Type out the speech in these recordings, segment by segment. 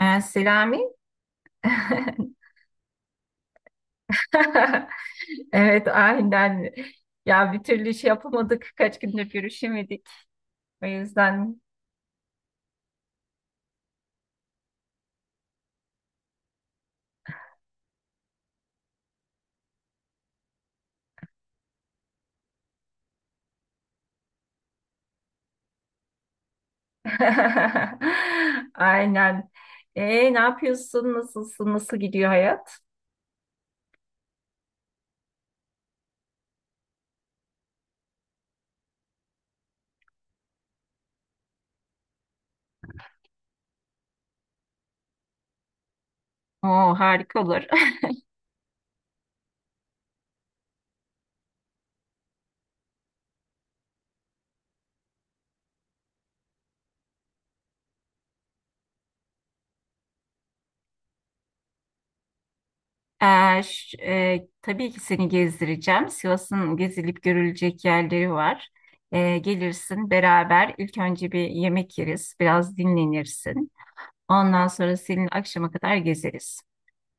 Selami. Evet, aynen. Ya bir türlü iş yapamadık kaç gündür o yüzden. Aynen. Ne yapıyorsun? Nasılsın? Nasıl gidiyor hayat? Oo, harika olur. Tabii ki seni gezdireceğim. Sivas'ın gezilip görülecek yerleri var. Gelirsin beraber. İlk önce bir yemek yeriz, biraz dinlenirsin. Ondan sonra senin akşama kadar gezeriz.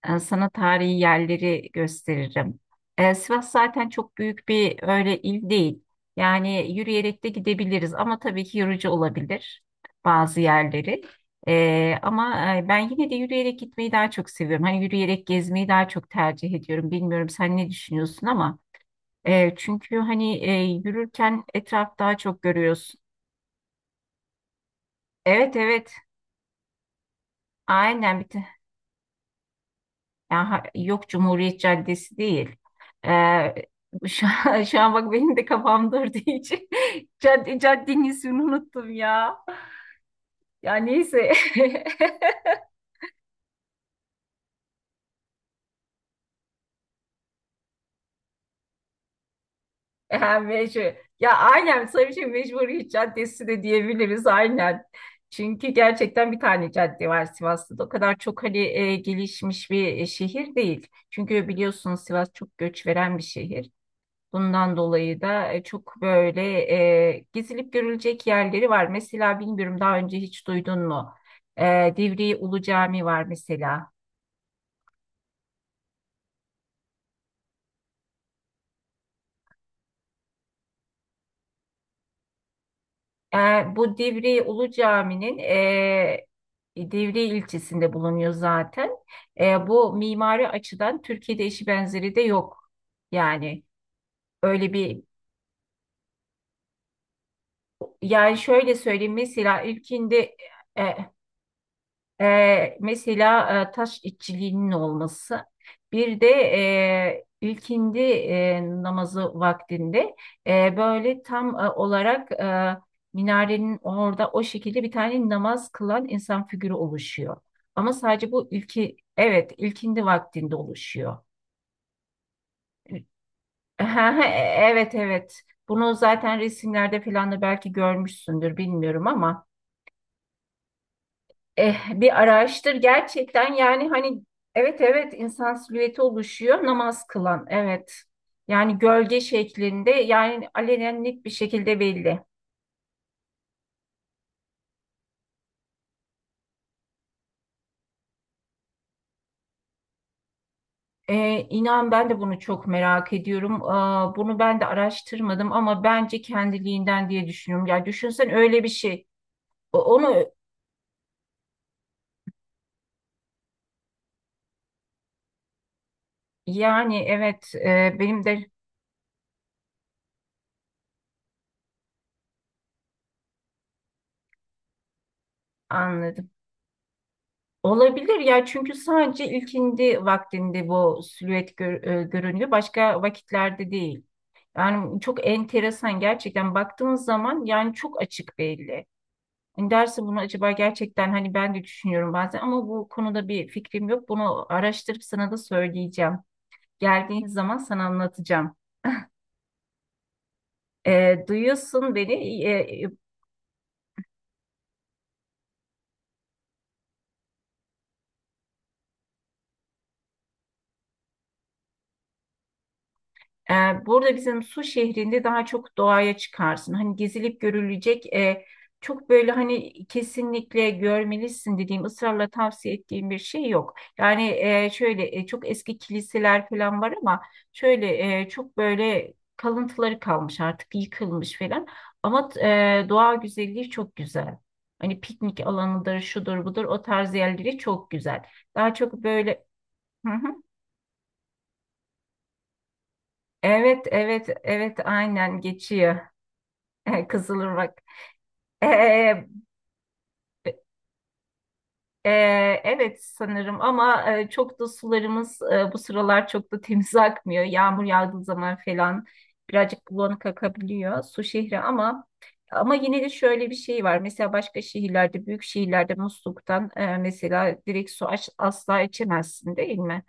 Sana tarihi yerleri gösteririm. Sivas zaten çok büyük bir öyle il değil. Yani yürüyerek de gidebiliriz ama tabii ki yorucu olabilir bazı yerleri. Ama ben yine de yürüyerek gitmeyi daha çok seviyorum. Hani yürüyerek gezmeyi daha çok tercih ediyorum. Bilmiyorum sen ne düşünüyorsun ama çünkü hani yürürken etraf daha çok görüyorsun. Evet, evet, aynen bir. Yani yok, Cumhuriyet Caddesi değil. Ee, şu an, şu an bak benim de kafam durduğu için cadde, caddenin ismini unuttum ya. Ya neyse. Ha, mecbur. Ya aynen, tabii ki Mecburiyet Caddesi de diyebiliriz aynen. Çünkü gerçekten bir tane cadde var Sivas'ta da. O kadar çok hani gelişmiş bir şehir değil. Çünkü biliyorsunuz Sivas çok göç veren bir şehir. Bundan dolayı da çok böyle gezilip görülecek yerleri var. Mesela bilmiyorum, daha önce hiç duydun mu? Divriği Ulu Cami var mesela. E, Bu Divriği Ulu Cami'nin Divriği ilçesinde bulunuyor zaten. Bu mimari açıdan Türkiye'de eşi benzeri de yok. Yani öyle bir, yani şöyle söyleyeyim, mesela ilkinde. Mesela taş işçiliğinin olması, bir de ilkindi namazı vaktinde böyle tam olarak minarenin orada o şekilde bir tane namaz kılan insan figürü oluşuyor. Ama sadece bu ilki, evet, ilkindi vaktinde oluşuyor. Ha, ha, evet, evet, bunu zaten resimlerde falan da belki görmüşsündür, bilmiyorum ama. Eh, bir araştır gerçekten, yani hani evet, evet, insan silüeti oluşuyor namaz kılan, evet, yani gölge şeklinde, yani alenen net bir şekilde belli. Eh, inan ben de bunu çok merak ediyorum. Aa, bunu ben de araştırmadım ama bence kendiliğinden diye düşünüyorum. Ya düşünsen öyle bir şey. Onu, yani evet, eh, benim de anladım. Olabilir ya, çünkü sadece ilkindi vaktinde bu silüet görünüyor. Başka vakitlerde değil. Yani çok enteresan gerçekten, baktığınız zaman yani çok açık belli. Hani derse bunu acaba gerçekten, hani ben de düşünüyorum bazen ama bu konuda bir fikrim yok. Bunu araştırıp sana da söyleyeceğim. Geldiğin zaman sana anlatacağım. Duyuyorsun beni. Burada bizim Su şehrinde daha çok doğaya çıkarsın. Hani gezilip görülecek çok böyle hani kesinlikle görmelisin dediğim, ısrarla tavsiye ettiğim bir şey yok. Yani şöyle çok eski kiliseler falan var ama şöyle çok böyle kalıntıları kalmış, artık yıkılmış falan. Ama doğa güzelliği çok güzel. Hani piknik alanıdır, şudur budur, o tarz yerleri çok güzel. Daha çok böyle... Hı hı. Evet, evet, evet, aynen geçiyor. Kızılırmak. Ee, e, evet sanırım ama çok da sularımız bu sıralar çok da temiz akmıyor. Yağmur yağdığı zaman falan birazcık bulanık akabiliyor su şehri ama ama yine de şöyle bir şey var. Mesela başka şehirlerde, büyük şehirlerde musluktan mesela direkt asla içemezsin değil mi?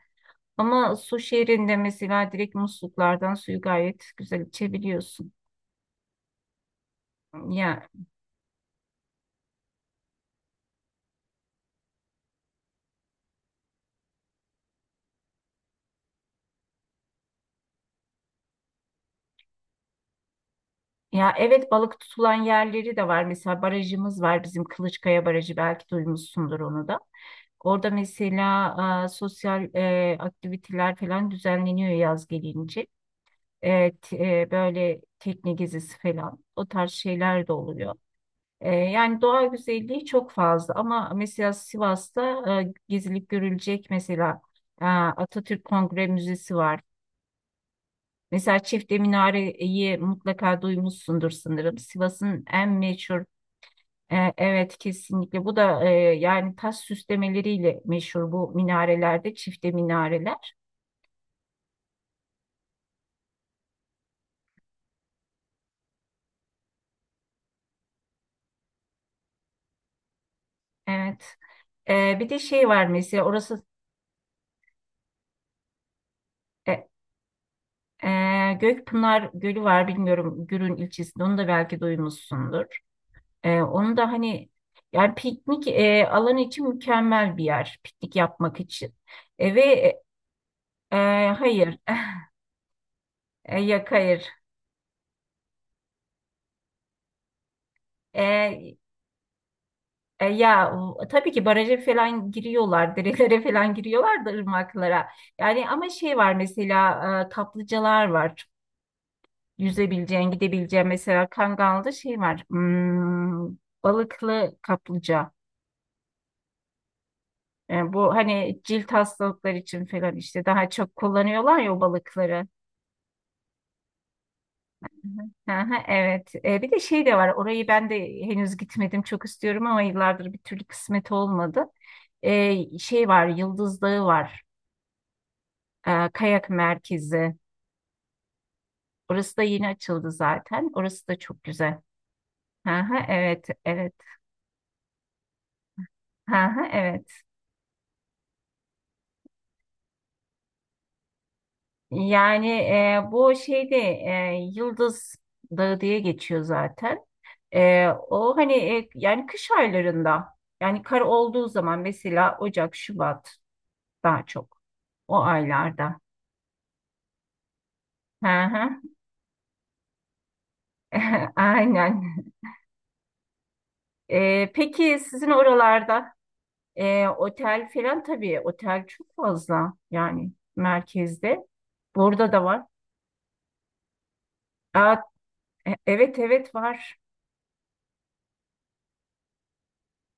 Ama su şehrinde mesela direkt musluklardan suyu gayet güzel içebiliyorsun. Ya, ya evet, balık tutulan yerleri de var. Mesela barajımız var bizim, Kılıçkaya Barajı, belki duymuşsundur onu da. Orada mesela sosyal aktiviteler falan düzenleniyor yaz gelince. Evet, böyle tekne gezisi falan, o tarz şeyler de oluyor. Yani doğa güzelliği çok fazla ama mesela Sivas'ta gezilip görülecek mesela Atatürk Kongre Müzesi var. Mesela Çifte Minare'yi mutlaka duymuşsundur sanırım. Sivas'ın en meşhur. Evet kesinlikle bu da yani taş süslemeleriyle meşhur bu minarelerde, çifte minareler. Evet. Bir de şey var, mesela orası e, Gökpınar Gölü var, bilmiyorum, Gürün ilçesinde, onu da belki duymuşsundur. Onu da hani yani piknik alanı için mükemmel bir yer piknik yapmak için. E, ve e, hayır. Yok, hayır. E, Ya tabii ki baraja falan giriyorlar, derelere falan giriyorlar da, ırmaklara. Yani ama şey var mesela, kaplıcalar var. Çok. Yüzebileceğin, gidebileceğin, mesela Kangal'da şey var. Hmm, balıklı kaplıca. Bu hani cilt hastalıkları için falan işte daha çok kullanıyorlar ya o balıkları. Hı hı, evet. Bir de şey de var. Orayı ben de henüz gitmedim. Çok istiyorum ama yıllardır bir türlü kısmet olmadı. Şey var, Yıldız Dağı var. Kayak merkezi. Orası da yeni açıldı zaten. Orası da çok güzel. Hı hı, evet, evet. Hı hı, evet. Yani bu şeyde Yıldız Dağı diye geçiyor zaten. O hani yani kış aylarında, yani kar olduğu zaman, mesela Ocak, Şubat, daha çok o aylarda. Hı hı. Aynen. Peki sizin oralarda? Otel falan tabii. Otel çok fazla yani merkezde. Burada da var. Aa, evet, evet var.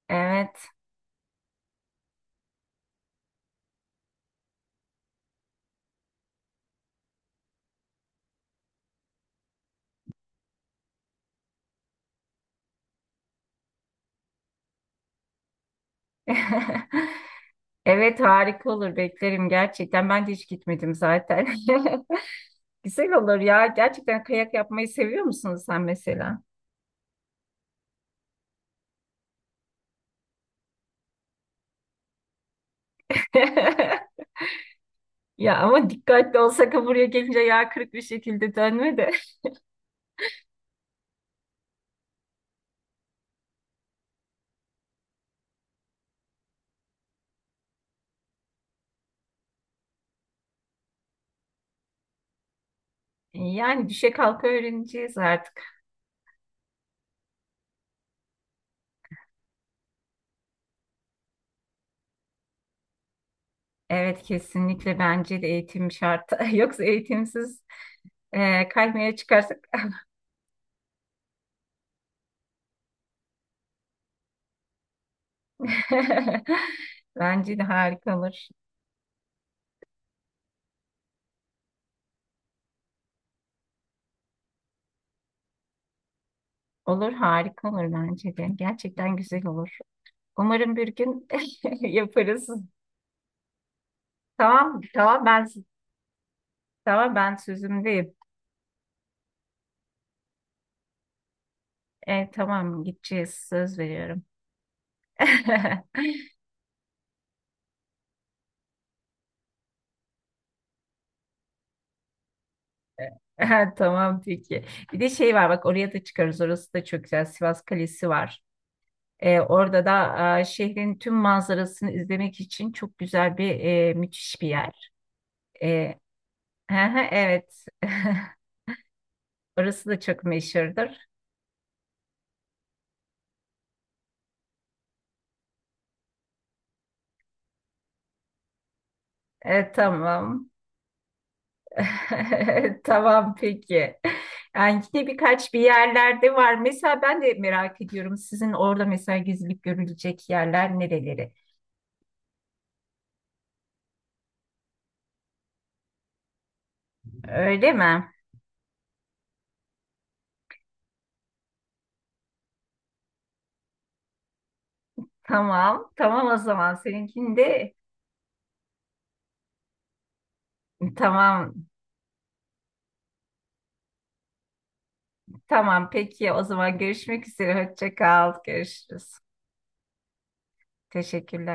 Evet. Evet, harika olur, beklerim gerçekten. Ben de hiç gitmedim zaten. Güzel olur ya. Gerçekten kayak yapmayı seviyor musun sen mesela? Ya ama dikkatli olsak, ha buraya gelince yağ kırık bir şekilde dönme de. Yani düşe kalka öğreneceğiz artık. Evet, kesinlikle bence de eğitim şart. Yoksa eğitimsiz kaymaya çıkarsak bence de harika olur. Olur, harika olur bence de. Gerçekten güzel olur. Umarım bir gün yaparız. Tamam, tamam, tamam ben sözümdeyim. Tamam, gideceğiz, söz veriyorum. Ha, tamam peki. Bir de şey var bak, oraya da çıkarız. Orası da çok güzel. Sivas Kalesi var. Orada da şehrin tüm manzarasını izlemek için çok güzel bir, müthiş bir yer. E, Hı hı, evet. Orası da çok meşhurdur. Tamam. Tamam peki. Yani yine birkaç bir yerlerde var. Mesela ben de merak ediyorum. Sizin orada mesela gezilip görülecek yerler nereleri? Öyle mi? Tamam. Tamam, o zaman. Seninkinde tamam. Tamam peki. O zaman görüşmek üzere. Hoşça kal. Görüşürüz. Teşekkürler.